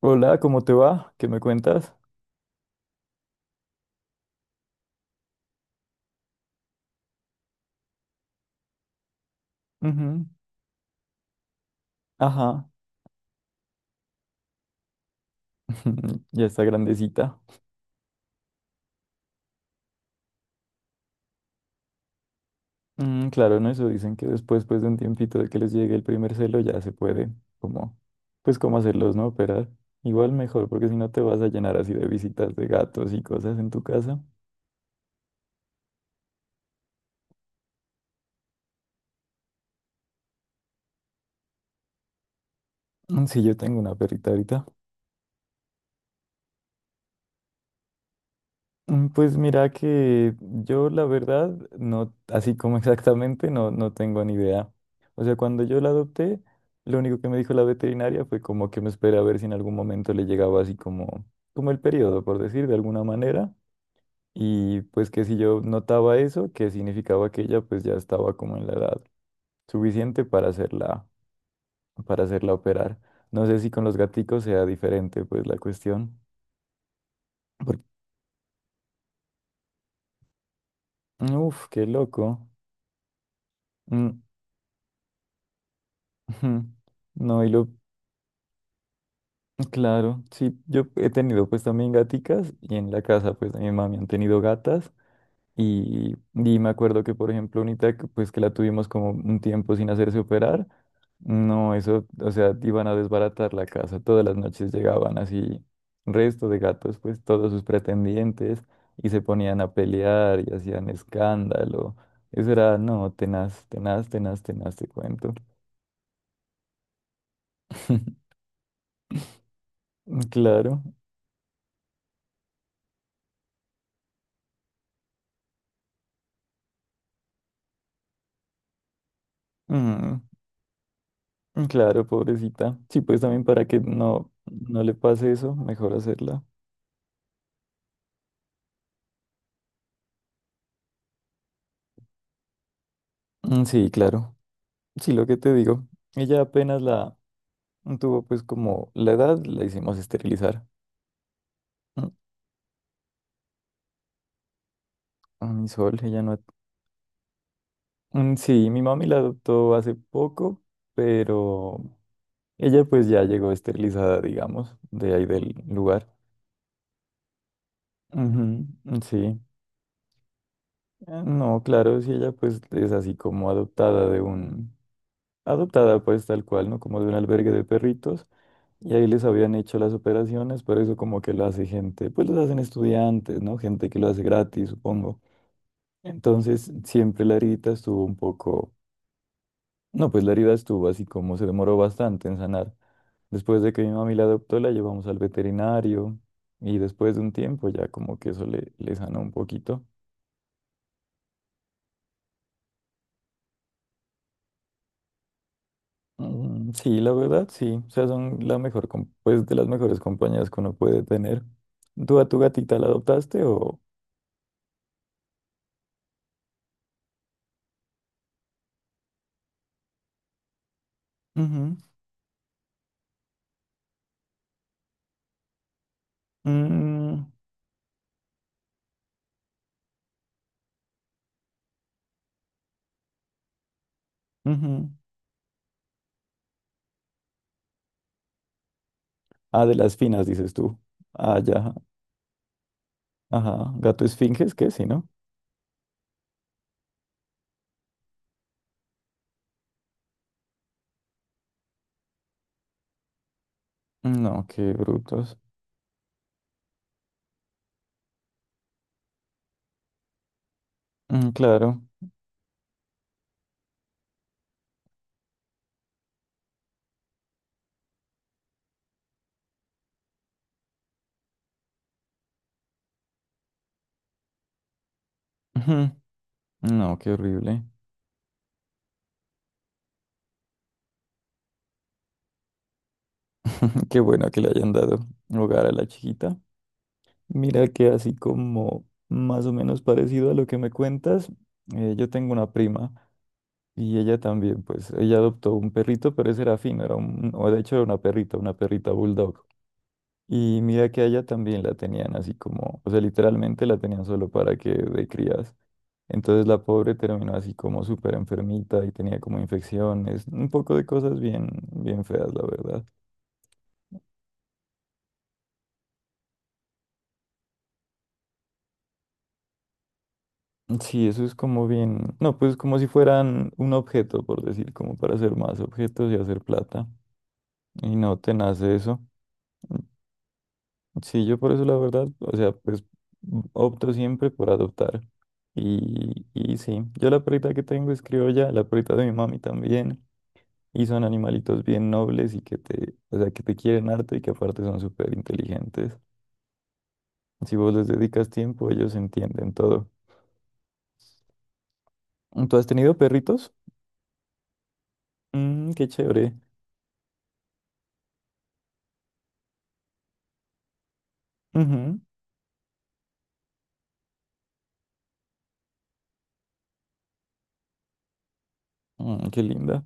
Hola, ¿cómo te va? ¿Qué me cuentas? Ujú. Ajá. Ya está grandecita. Claro, no, eso dicen que después, pues de un tiempito de que les llegue el primer celo, ya se puede, como, pues cómo hacerlos, ¿no? Operar. Igual mejor, porque si no te vas a llenar así de visitas de gatos y cosas en tu casa. Sí, yo tengo una perrita ahorita. Pues mira que yo la verdad, no, así como exactamente, no, no tengo ni idea. O sea, cuando yo la adopté, lo único que me dijo la veterinaria fue como que me espera a ver si en algún momento le llegaba así como el periodo, por decir, de alguna manera. Y pues que si yo notaba eso, que significaba que ella pues ya estaba como en la edad suficiente para hacerla operar. No sé si con los gaticos sea diferente pues la cuestión. porque- Uf, qué loco. Mm. Ujú. No, y claro, sí, yo he tenido pues también gaticas y en la casa pues de mi mami han tenido gatas y me acuerdo que por ejemplo unita que, pues que la tuvimos como un tiempo sin hacerse operar, no, eso, o sea, iban a desbaratar la casa, todas las noches llegaban así resto de gatos pues todos sus pretendientes y se ponían a pelear y hacían escándalo, eso era, no, tenaz, tenaz, tenaz, tenaz, te cuento. Claro. Mm. Claro, pobrecita. Sí, pues también para que no, no le pase eso, mejor hacerla. Sí, claro. Sí, lo que te digo. Ella apenas la tuvo pues como la edad, la hicimos esterilizar. Mm, A mi sol, ella no... Sí, mi mami la adoptó hace poco, pero ella pues ya llegó esterilizada, digamos, de ahí del lugar. Ujú. Mm. Sí. Ah, no, claro, si ella pues es así como adoptada de un... Adoptada pues tal cual, ¿no? Como de un albergue de perritos. Y ahí les habían hecho las operaciones, pero eso como que lo hace gente, pues los hacen estudiantes, ¿no? Gente que lo hace gratis, supongo. Entonces, siempre la herida estuvo un poco, no, pues la herida estuvo así como se demoró bastante en sanar. Después de que mi mami la adoptó, la llevamos al veterinario y después de un tiempo ya como que eso le, le sanó un poquito. Sí, la verdad, sí. O sea, son pues de las mejores compañías que uno puede tener. ¿Tú a tu gatita la adoptaste o...? Ujú. Mm. Ujú. Ah, de las finas, dices tú. Ah, ya. Ajá. Gato esfinges, ¿qué? Sí, ¿no? No, qué brutos. Claro. Ujú. No, qué horrible. Qué bueno que le hayan dado hogar a la chiquita. Mira que así como más o menos parecido a lo que me cuentas, yo tengo una prima y ella también, pues, ella adoptó un perrito, pero ese era fino, o de hecho era una perrita bulldog. Y mira que a ella también la tenían así como, o sea, literalmente la tenían solo para que de crías. Entonces la pobre terminó así como súper enfermita y tenía como infecciones, un poco de cosas bien, bien feas, la verdad. Sí, eso es como bien, no, pues como si fueran un objeto, por decir, como para hacer más objetos y hacer plata. Y no te nace eso. Sí, yo por eso la verdad, o sea, pues opto siempre por adoptar. Y sí, yo la perrita que tengo es criolla, la perrita de mi mami también, y son animalitos bien nobles y que te, o sea, que te quieren harto y que aparte son súper inteligentes. Si vos les dedicas tiempo, ellos entienden todo. ¿Tú has tenido perritos? Qué chévere. Ujú. Qué linda.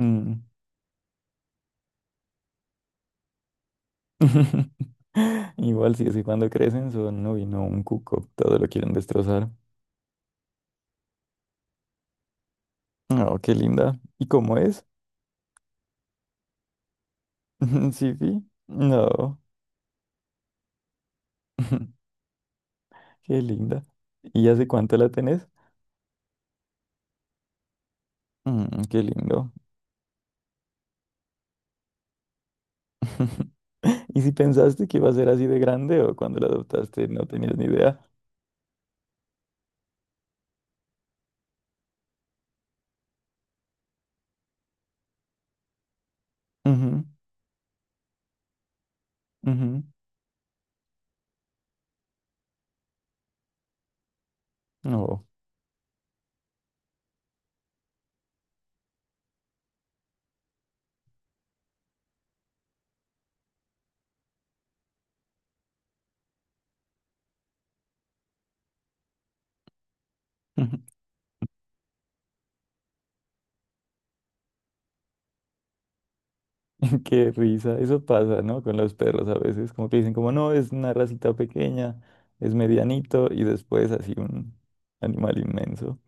Mm. Igual sí, así cuando crecen son, uy, no, un cuco, todo lo quieren destrozar. Oh, qué linda. ¿Y cómo es? Sí, sí. No. Qué linda. ¿Y hace cuánto la tenés? Qué lindo. ¿Y si pensaste que iba a ser así de grande o cuando la adoptaste no tenías ni idea? Ujú, ujú. No. Qué risa. Eso pasa, ¿no? Con los perros a veces. Como que dicen como, no, es una racita pequeña, es medianito y después así un animal inmenso.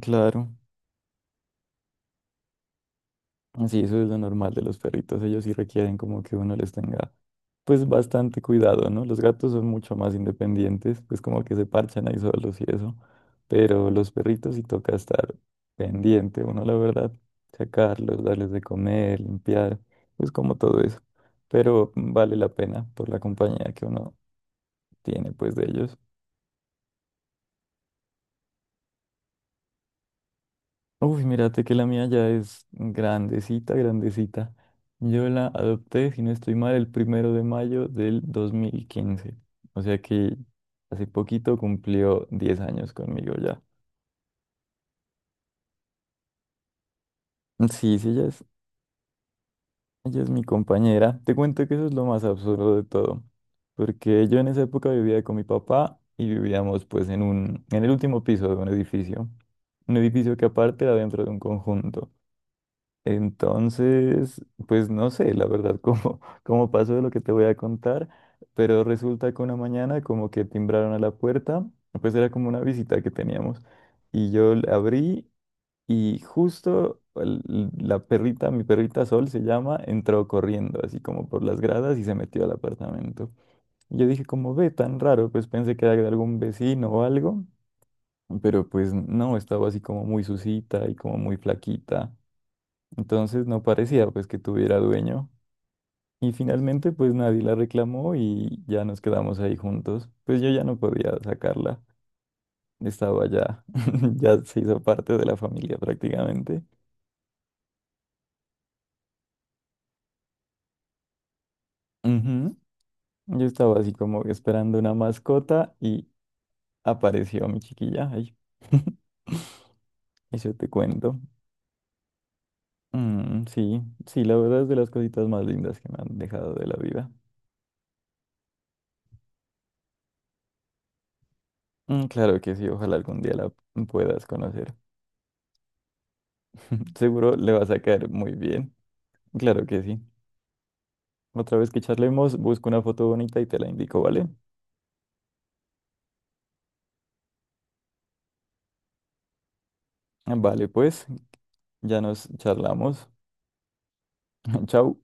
Claro. Sí, eso es lo normal de los perritos. Ellos sí requieren como que uno les tenga, pues, bastante cuidado, ¿no? Los gatos son mucho más independientes, pues como que se parchan ahí solos y eso. Pero los perritos sí toca estar pendiente, uno, la verdad, sacarlos, darles de comer, limpiar, pues como todo eso. Pero vale la pena por la compañía que uno tiene, pues, de ellos. Uy, mírate que la mía ya es grandecita, grandecita. Yo la adopté, si no estoy mal, el 1 de mayo de 2015. O sea que hace poquito cumplió 10 años conmigo ya. Sí, sí, ella es mi compañera. Te cuento que eso es lo más absurdo de todo. Porque yo en esa época vivía con mi papá y vivíamos pues en el último piso de un edificio. Un edificio que aparte era dentro de un conjunto. Entonces, pues no sé, la verdad, cómo, cómo pasó de lo que te voy a contar, pero resulta que una mañana como que timbraron a la puerta, pues era como una visita que teníamos, y yo la abrí y justo la perrita, mi perrita Sol se llama, entró corriendo así como por las gradas y se metió al apartamento. Y yo dije como, ve, tan raro, pues pensé que era de algún vecino o algo, pero pues no, estaba así como muy sucita y como muy flaquita. Entonces no parecía pues que tuviera dueño. Y finalmente pues nadie la reclamó y ya nos quedamos ahí juntos. Pues yo ya no podía sacarla. Estaba ya, ya se hizo parte de la familia prácticamente. Ujú. Yo estaba así como esperando una mascota y apareció mi chiquilla. Ay, eso te cuento. Sí, sí, la verdad es de las cositas más lindas que me han dejado de la vida. Claro que sí, ojalá algún día la puedas conocer. Seguro le vas a caer muy bien. Claro que sí. Otra vez que charlemos, busco una foto bonita y te la indico, ¿vale? Vale, pues, ya nos charlamos. Chau.